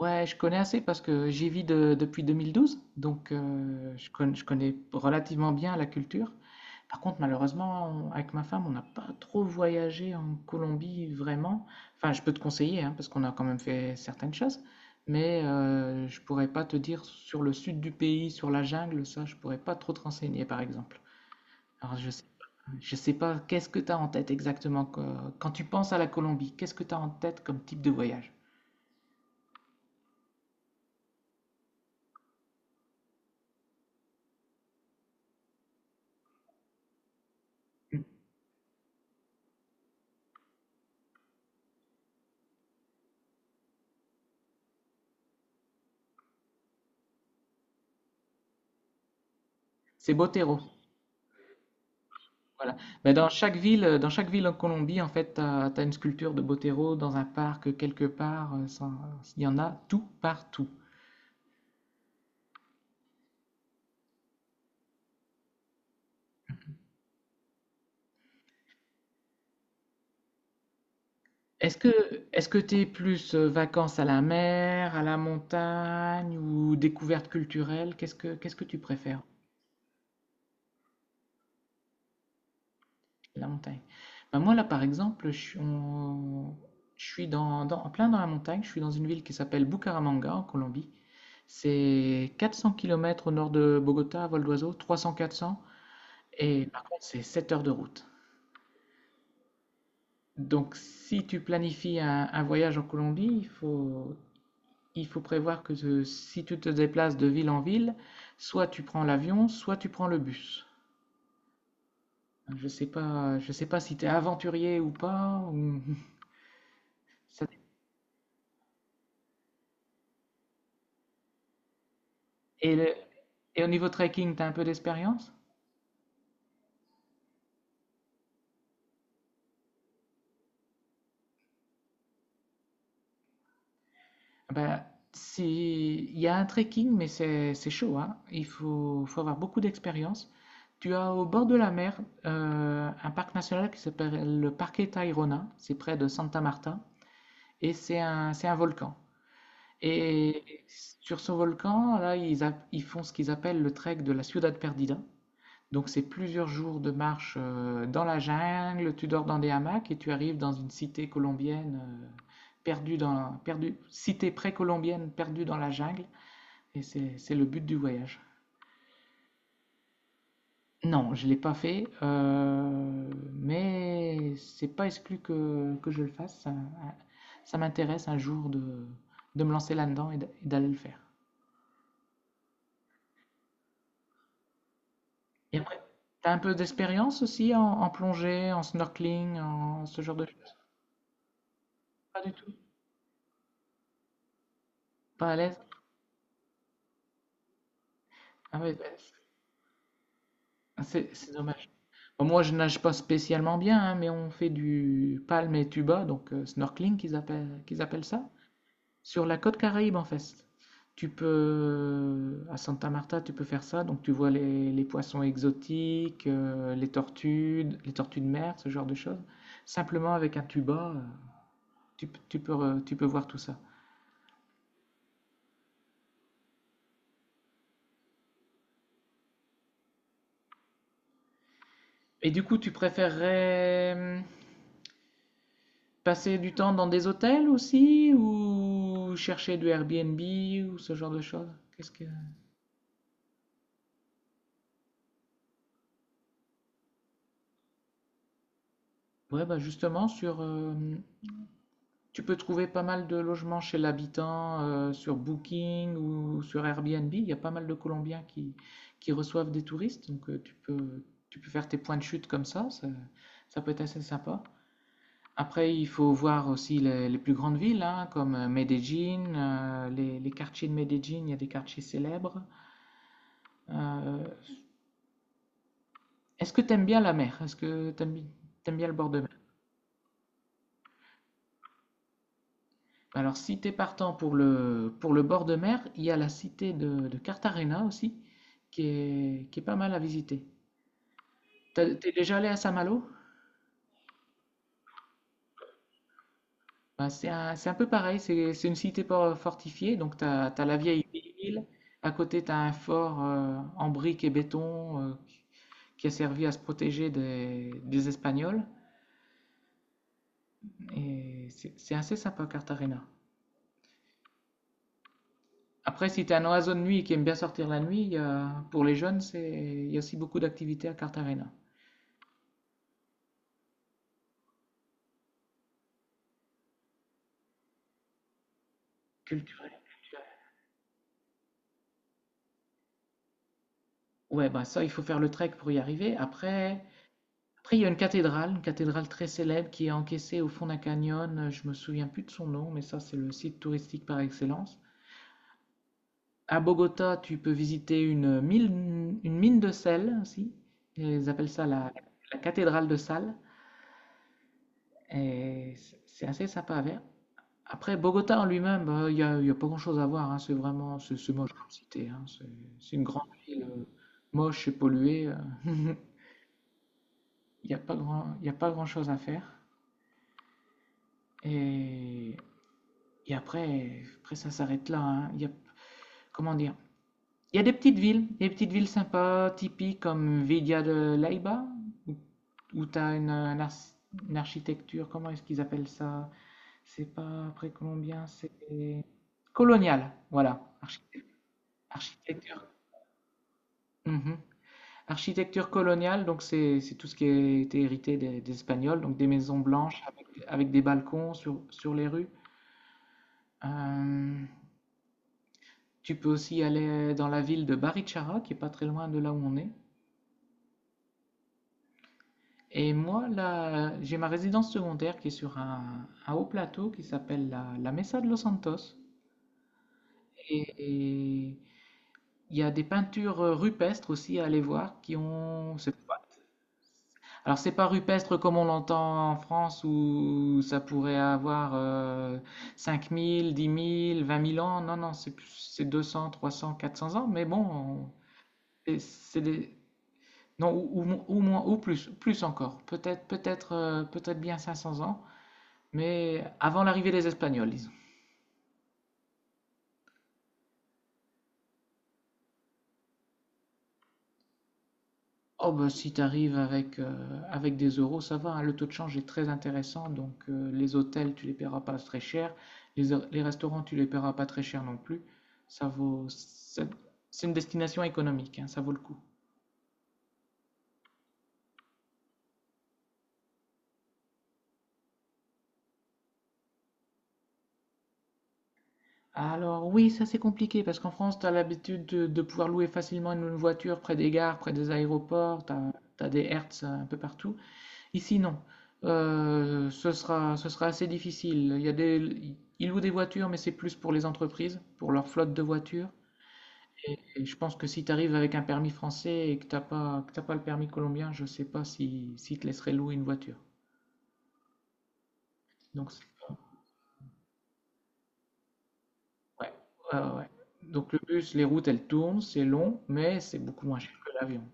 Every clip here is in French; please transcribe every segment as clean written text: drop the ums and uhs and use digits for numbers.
Ouais, je connais assez parce que j'y vis depuis 2012, donc je connais relativement bien la culture. Par contre, malheureusement, avec ma femme, on n'a pas trop voyagé en Colombie vraiment. Enfin, je peux te conseiller, hein, parce qu'on a quand même fait certaines choses, mais je pourrais pas te dire sur le sud du pays, sur la jungle, ça, je pourrais pas trop te renseigner, par exemple. Alors, je sais pas, qu'est-ce que tu as en tête exactement quand tu penses à la Colombie, qu'est-ce que tu as en tête comme type de voyage? C'est Botero. Voilà. Mais dans chaque ville en Colombie, en fait, as une sculpture de Botero dans un parc quelque part. Il y en a tout partout. Est-ce que, est-ce que t'es plus vacances à la mer, à la montagne ou découverte culturelle? Qu'est-ce que tu préfères? La montagne. Ben moi là, par exemple, je suis en plein dans la montagne. Je suis dans une ville qui s'appelle Bucaramanga en Colombie. C'est 400 km au nord de Bogota à vol d'oiseau, 300-400. Et par contre, c'est 7 heures de route. Donc, si tu planifies un voyage en Colombie, il faut prévoir si tu te déplaces de ville en ville, soit tu prends l'avion, soit tu prends le bus. Je sais pas si tu es aventurier ou pas. ça- Et, et au niveau trekking, tu as un peu d'expérience? Ben, si, il y a un trekking, mais c'est chaud, hein. Il faut, faut avoir beaucoup d'expérience. Tu as au bord de la mer un parc national qui s'appelle le Parque Tayrona, c'est près de Santa Marta, et c'est un volcan. Et sur ce volcan, là, ils font ce qu'ils appellent le trek de la Ciudad Perdida. Donc c'est plusieurs jours de marche dans la jungle, tu dors dans des hamacs et tu arrives dans une cité colombienne perdue dans, perdue, cité précolombienne perdue dans la jungle, et c'est le but du voyage. Non, je ne l'ai pas fait, mais c'est pas exclu que je le fasse. Ça m'intéresse un jour de me lancer là-dedans et et d'aller le faire. Et après, t'as un peu d'expérience aussi en, en plongée, en snorkeling, en ce genre de choses? Pas du tout. Pas à l'aise? Ah ouais, bah, c'est dommage. Bon, moi, je nage pas spécialement bien, hein, mais on fait du palme et tuba, donc snorkeling qu'ils appellent ça. Sur la côte Caraïbe, en fait. Tu peux, à Santa Marta, tu peux faire ça. Donc, tu vois les poissons exotiques, les tortues de mer, ce genre de choses. Simplement avec un tuba, tu peux, tu peux voir tout ça. Et du coup, tu préférerais passer du temps dans des hôtels aussi ou chercher du Airbnb ou ce genre de choses? Qu'est-ce que... Ouais, bah justement, sur, tu peux trouver pas mal de logements chez l'habitant sur Booking ou sur Airbnb. Il y a pas mal de Colombiens qui reçoivent des touristes, donc tu peux faire tes points de chute comme ça peut être assez sympa. Après, il faut voir aussi les plus grandes villes, hein, comme Medellín, les quartiers de Medellín, il y a des quartiers célèbres. Euh, Est-ce que tu aimes bien la mer? Est-ce que tu aimes bien le bord de mer? Alors, si t'es partant pour le bord de mer, il y a la cité de Cartagena aussi, qui est pas mal à visiter. T'as- T'es déjà allé à Saint-Malo? Bah, c'est un peu pareil, c'est une cité fortifiée, donc t'as, t'as la vieille ville, à côté t'as un fort en briques et béton qui a servi à se protéger des Espagnols, et c'est assez sympa Cartagena. Après, si t'es un oiseau de nuit et qui aime bien sortir la nuit, pour les jeunes, c'est, il y a aussi beaucoup d'activités à Cartagena. Culturel. Ouais, bah ça, il faut faire le trek pour y arriver. Après, après, il y a une cathédrale très célèbre qui est encaissée au fond d'un canyon. Je me souviens plus de son nom, mais ça, c'est le site touristique par excellence. À Bogota, tu peux visiter une mine de sel aussi. Ils appellent ça la, la cathédrale de sal. Et c'est assez sympa à faire. Après, Bogota en lui-même, bah, il n'y a, il y a pas grand-chose à voir, hein. C'est vraiment, c'est moche comme cité, hein. C'est une grande ville moche et polluée. Il n'y a pas grand, il y a pas grand-chose à faire. Et, et après, après, ça s'arrête là, hein. Il y a, comment dire? Il y a des petites villes sympas, typiques comme Vidia de Laiba où, où tu as une, une architecture, comment est-ce qu'ils appellent ça? C'est pas précolombien, c'est colonial, voilà. Architecture. Mhm. Architecture coloniale, donc c'est tout ce qui a été hérité des Espagnols, donc des maisons blanches avec, avec des balcons sur, sur les rues. Euh, Tu peux aussi aller dans la ville de Barichara, qui est pas très loin de là où on est. Et moi, là, j'ai ma résidence secondaire qui est sur un haut plateau qui s'appelle la, la Mesa de Los Santos. Et il y a des peintures rupestres aussi à aller voir qui ont. C'est pas- Alors, c'est pas rupestre comme on l'entend en France où ça pourrait avoir 5 000, 10 000, 20 000 ans. Non, non, c'est 200, 300, 400 ans. Mais bon, c'est des, non, ou, ou moins, ou plus, plus encore. Peut-être, peut-être, peut-être bien 500 ans, mais avant l'arrivée des Espagnols, disons. Oh, bah, si t'arrives avec, avec des euros, ça va, hein, le taux de change est très intéressant, donc les hôtels, tu les paieras pas très cher, les restaurants, tu les paieras pas très cher non plus. Ça vaut, c'est une destination économique, hein, ça vaut le coup. Alors oui, ça c'est compliqué parce qu'en France, tu as l'habitude de pouvoir louer facilement une voiture près des gares, près des aéroports, tu as, des Hertz un peu partout. Ici, non. Ce sera, ce sera assez difficile. Il y a des, ils louent des voitures, mais c'est plus pour les entreprises, pour leur flotte de voitures. Et je pense que si tu arrives avec un permis français et que t'as pas le permis colombien, je sais pas si, si te laisseraient louer une voiture. Donc, c'est- ouais, ouais, ouais, ouais. Donc le bus, les routes, elles tournent, c'est long, mais c'est beaucoup moins cher que l'avion.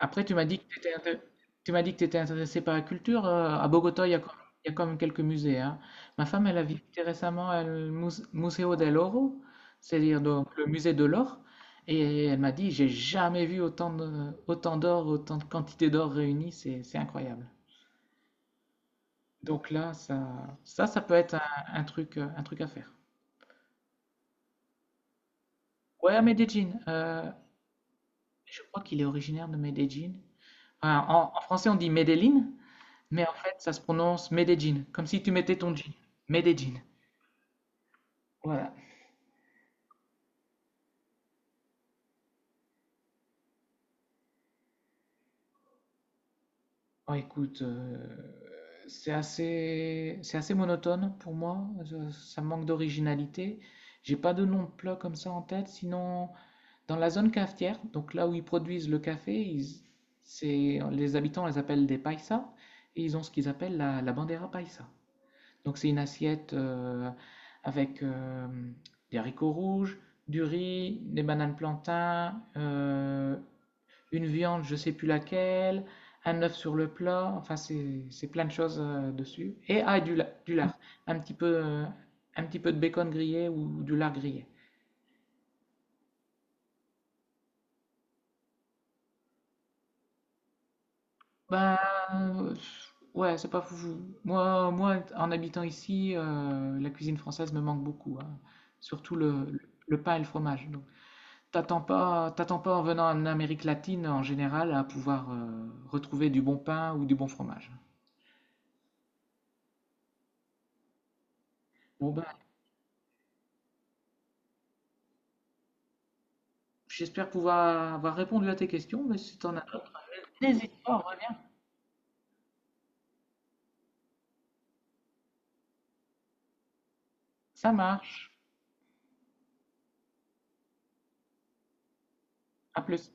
Après, tu m'as dit que tu étais, tu m'as dit que tu étais intéressé par la culture. À Bogota, il y a quand il y a quand même quelques musées, hein. Ma femme, elle a visité récemment le Museo del Oro, c'est-à-dire donc le musée de l'or. Et elle m'a dit, j'ai jamais vu autant de, autant d'or, autant de quantité d'or réunie. C'est incroyable. Donc là, ça peut être un truc à faire. Ouais, à Medellín. Je crois qu'il est originaire de Medellín. Enfin, en, en français, on dit Medellín. Mais en fait, ça se prononce Medellín, comme si tu mettais ton J. Medellín. Voilà. Bon, écoute, c'est assez monotone pour moi. Je- ça manque d'originalité. J'ai pas de nom de plat comme ça en tête. Sinon, dans la zone cafetière, donc là où ils produisent le café, c'est, les habitants les appellent des paisas et ils ont ce qu'ils appellent la, la bandera paisa. Donc c'est une assiette avec des haricots rouges, du riz, des bananes plantains, une viande, je sais plus laquelle, un œuf sur le plat, enfin c'est plein de choses dessus. Et ah, et du lard, un petit peu, euh, un petit peu de bacon grillé ou du lard grillé. Ben euh, ouais, c'est pas fou. Moi, moi, en habitant ici, la cuisine française me manque beaucoup, hein. Surtout le pain et le fromage. Donc. T'attends pas en venant en Amérique latine en général à pouvoir retrouver du bon pain ou du bon fromage. Bon ben, j'espère pouvoir avoir répondu à tes questions, mais si t'en as d'autres, n'hésite pas, reviens. Ça marche. À plus.